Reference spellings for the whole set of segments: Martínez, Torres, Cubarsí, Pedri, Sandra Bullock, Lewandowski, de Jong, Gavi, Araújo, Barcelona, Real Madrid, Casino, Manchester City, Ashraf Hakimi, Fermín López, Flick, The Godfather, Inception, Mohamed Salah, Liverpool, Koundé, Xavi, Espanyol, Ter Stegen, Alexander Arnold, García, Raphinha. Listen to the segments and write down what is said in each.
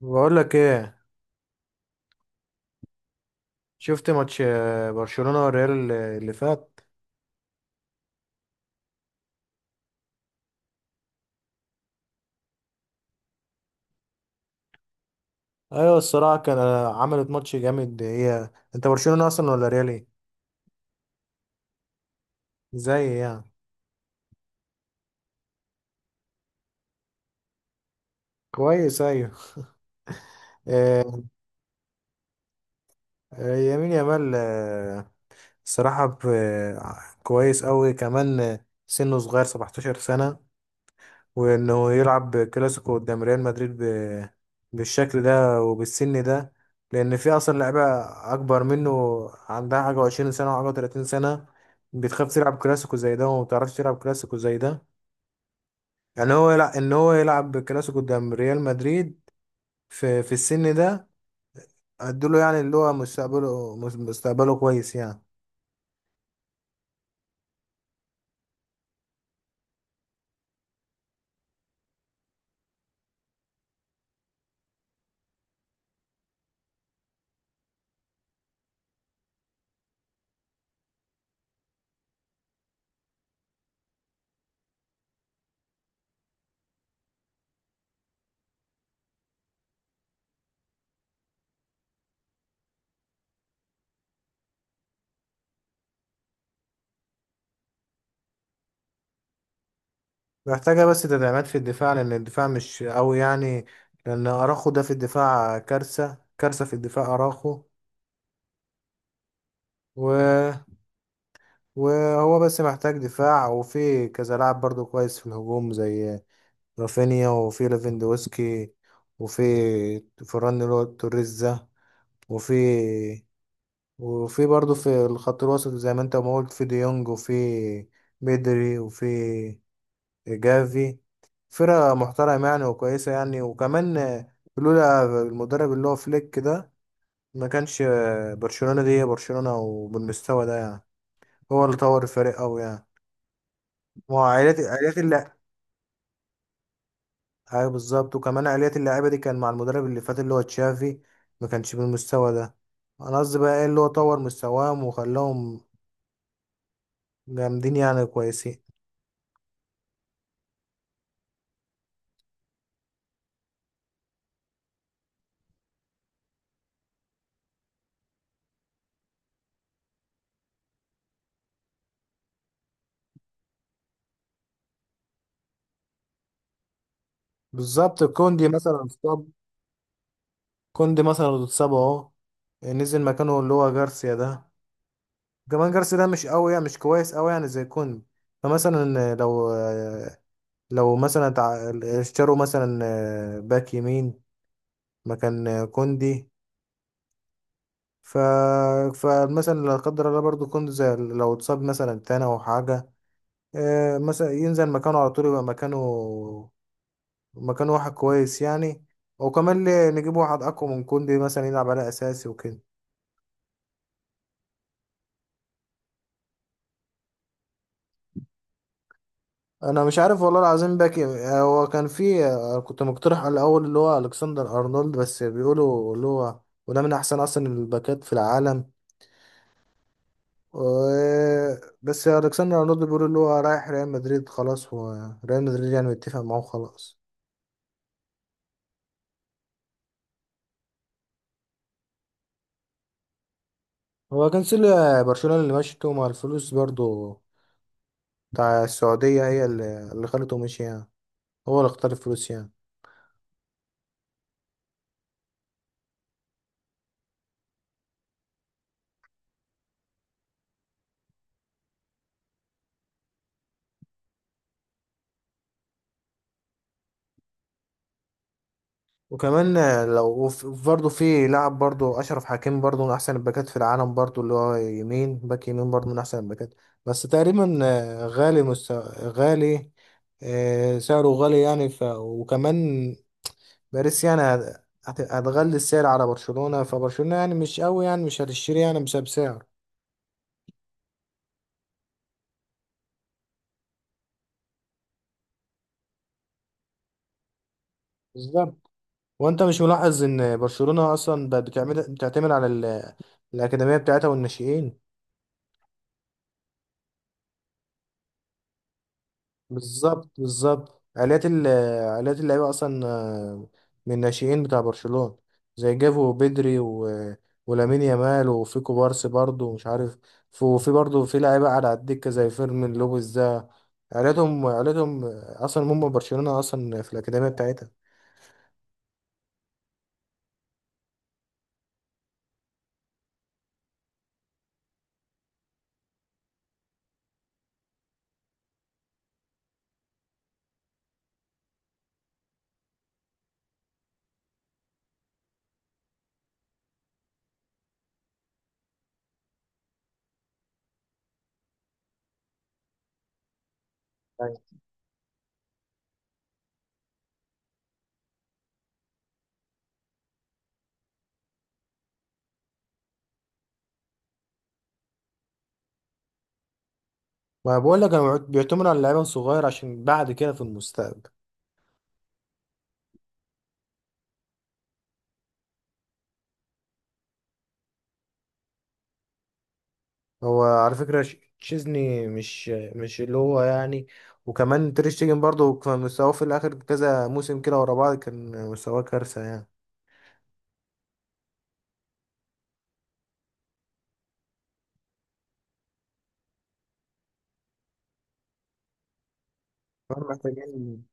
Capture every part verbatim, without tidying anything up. بقول لك ايه. شفت ماتش، آه، برشلونة والريال اللي اللي فات. ايوه الصراحة كان، آه، عملت ماتش جامد هي. انت برشلونة اصلا ولا ريال ايه؟ زي يعني. كويس ايوه. آه، آه، يمين يامال، آه، الصراحة ب- آه، كويس قوي كمان، آه، سنه صغير 17 سنة. وانه يلعب كلاسيكو قدام ريال مدريد ب... بالشكل ده وبالسن ده. لان في اصلا لعيبه اكبر منه، عندها حاجه وعشرين سنه وحاجه وتلاتين سنه، بتخاف تلعب كلاسيكو زي ده وما بتعرفش تلعب كلاسيكو زي ده. يعني هو يلعب، ان هو يلعب كلاسيكو قدام ريال مدريد في في السن ده، ادوله يعني اللي هو مستقبله مس- مستقبله كويس يعني. محتاجه بس تدعيمات في الدفاع، لان الدفاع مش قوي يعني. لان اراخو ده في الدفاع كارثه، كارثه في الدفاع اراخو. وهو بس محتاج دفاع، وفي كذا لاعب برضو كويس في الهجوم زي رافينيا، وفي ليفاندوسكي، وفي فران اللي هو توريز ده، وفي وفي برضو في الخط الوسط زي ما انت ما قلت، في ديونج، وفي بيدري، وفي جافي. فرقة محترمة يعني وكويسة يعني. وكمان لولا المدرب اللي هو فليك ده، ما كانش برشلونة دي هي برشلونة وبالمستوى ده يعني. هو اللي طور الفريق أوي يعني. ما هو عائلات عائلات اللع... ايوه بالظبط، وكمان عائلات اللعيبه دي كان مع المدرب اللي فات اللي هو تشافي، ما كانش بالمستوى ده. انا قصدي بقى ايه اللي هو طور مستواهم وخلاهم جامدين يعني كويسين. بالظبط كوندي مثلا اتصاب. كوندي مثلا اتصاب اهو، نزل مكانه اللي هو جارسيا ده. كمان جارسيا ده مش قوي يعني، مش كويس قوي يعني زي كوندي. فمثلا لو لو مثلا تع- اشتروا مثلا باك يمين مكان كوندي. ف... فمثلا لا قدر الله، برضو كنت زي، لو اتصاب مثلا تاني او حاجه، آه، مثلا ينزل مكانه على طول، يبقى مكانه مكانه واحد كويس يعني. وكمان ليه نجيب واحد اقوى من كوندي مثلا يلعب على اساسي وكده. انا مش عارف والله العظيم، باك آه، هو كان في، آه، كنت مقترح على الاول اللي هو الكسندر ارنولد، بس بيقولوا اللي هو، وده من احسن اصلا الباكات في العالم. و- بس الكسندر ارنولد بيقولوا اللي هو رايح ريال مدريد خلاص، هو ريال مدريد يعني متفق معاه خلاص. هو كان سيل- برشلونة اللي مشته مع الفلوس برضو بتاع السعودية، هي اللي اللي خلته مشي يعني. هو اللي اختار الفلوس يعني. وكمان لو وف- برضو في لاعب برضو أشرف حكيمي، برضو من أحسن الباكات في العالم برضو، اللي هو يمين، باك يمين برضو من أحسن الباكات. بس تقريبا، آه، غالي مست... غالي، آه، سعره غالي يعني. ف... وكمان باريس يعني هت- هت- هتغلي السعر على برشلونة، فبرشلونة يعني مش قوي يعني مش هتشتري يعني بسبب سعر. وانت مش ملاحظ ان برشلونة اصلا بقت بتعمل بتعتمد على ال- الاكاديمية بتاعتها والناشئين؟ بالظبط بالظبط، عائلات ال عائلات اللعيبة اصلا، آه، من الناشئين بتاع برشلونة زي جافو وبدري و... ولامين يامال، وفي كوبارسي برضه، ومش عارف. ف- وفي برضه في لعيبة قاعدة على الدكة زي فيرمين لوبيز ده. عائلتهم عائلتهم اصلا هم برشلونة اصلا، في الاكاديمية بتاعتها. أيوة. ما بقول لك انا، بيعتمد على اللعيبة الصغير عشان بعد كده في المستقبل. هو على فكرة ش- تشيزني مش مش اللي هو يعني. وكمان تير شتيجن برضه كان مستواه في الآخر كذا موسم كده ورا بعض، كان مستواه كارثة يعني. كمان محتاجين.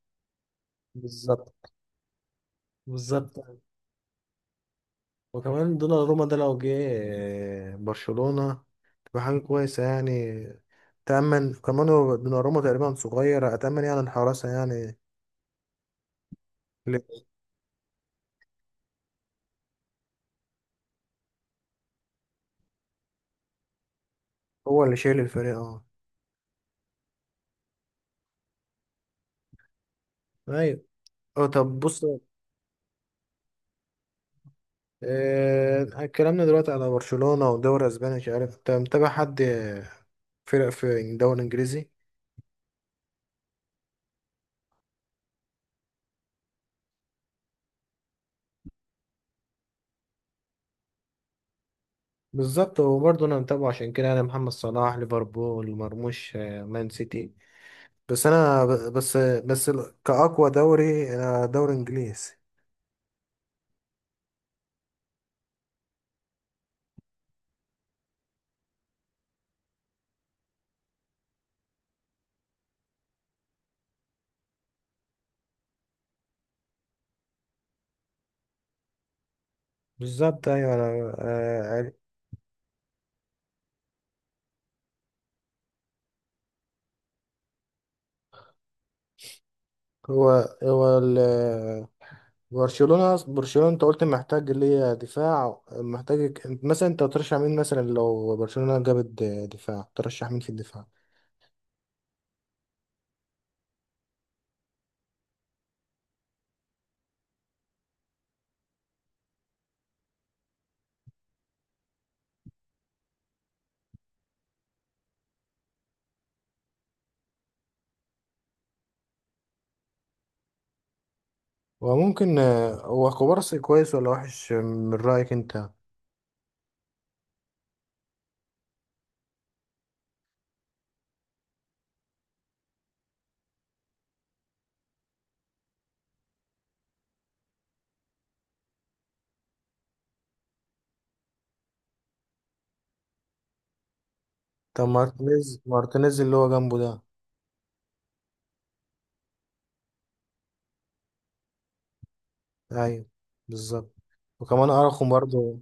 بالظبط بالظبط. وكمان دوناروما ده لو جه، آه، برشلونة، تبقى حاجة كويسة يعني. تأمن، كمان هو دوناروما تقريبا صغير، أتأمن يعني الحراسة يعني. اللي هو اللي شايل الفريق، اه. أيوة. اه طب بص، آه، اتكلمنا دلوقتي على برشلونة ودوري اسباني، مش عارف انت متابع حد فرق في الدوري الانجليزي؟ بالظبط وبرضه انا متابعه، عشان كده انا محمد صلاح ليفربول، مرموش آه، مان سيتي. بس انا ب- بس بس ال- كأقوى دوري انا دوري انجليزي. بالظبط ايوه، انا آه، عارف. هو هو ال- برشلونة برشلونة انت قلت محتاج ليه دفاع، محتاج. مثلا انت ترشح مين مثلا لو برشلونة جابت دفاع، ترشح مين في الدفاع؟ وممكن آه، هو كوبارسي كويس ولا وحش من رأيك انت؟ طب مارتينيز، مارتينيز اللي هو جنبه ده؟ ايوه بالظبط، وكمان ارخم برضه.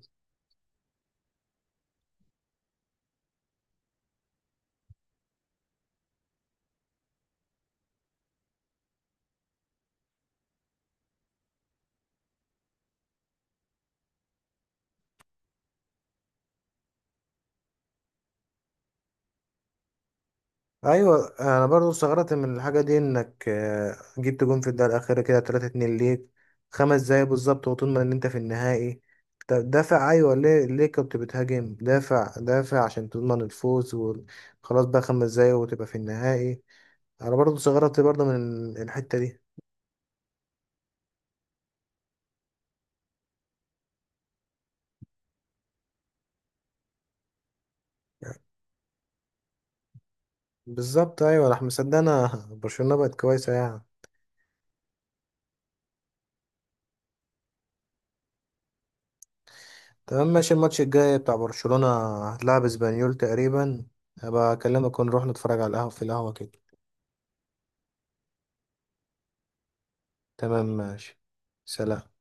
ايوه انا برضه استغربت من الحاجه دي، انك آه، جبت جون في الدقيقه الاخيره كده تلاتة اتنين ليك خمس دقايق بالظبط، وطول ما ان انت في النهائي. طب دافع ايوه، ليه ليه كنت بتهاجم؟ دافع دافع عشان تضمن الفوز وخلاص بقى خمس دقايق وتبقى في النهائي. انا برضه استغربت برضه من الحته دي. بالظبط ايوه راح مصدقنا برشلونة بقت كويسة يعني. تمام ماشي، الماتش الجاي بتاع برشلونة هتلعب اسبانيول تقريبا، هبقى اكلمك ونروح نتفرج على القهوة في القهوة كده. تمام ماشي، سلام.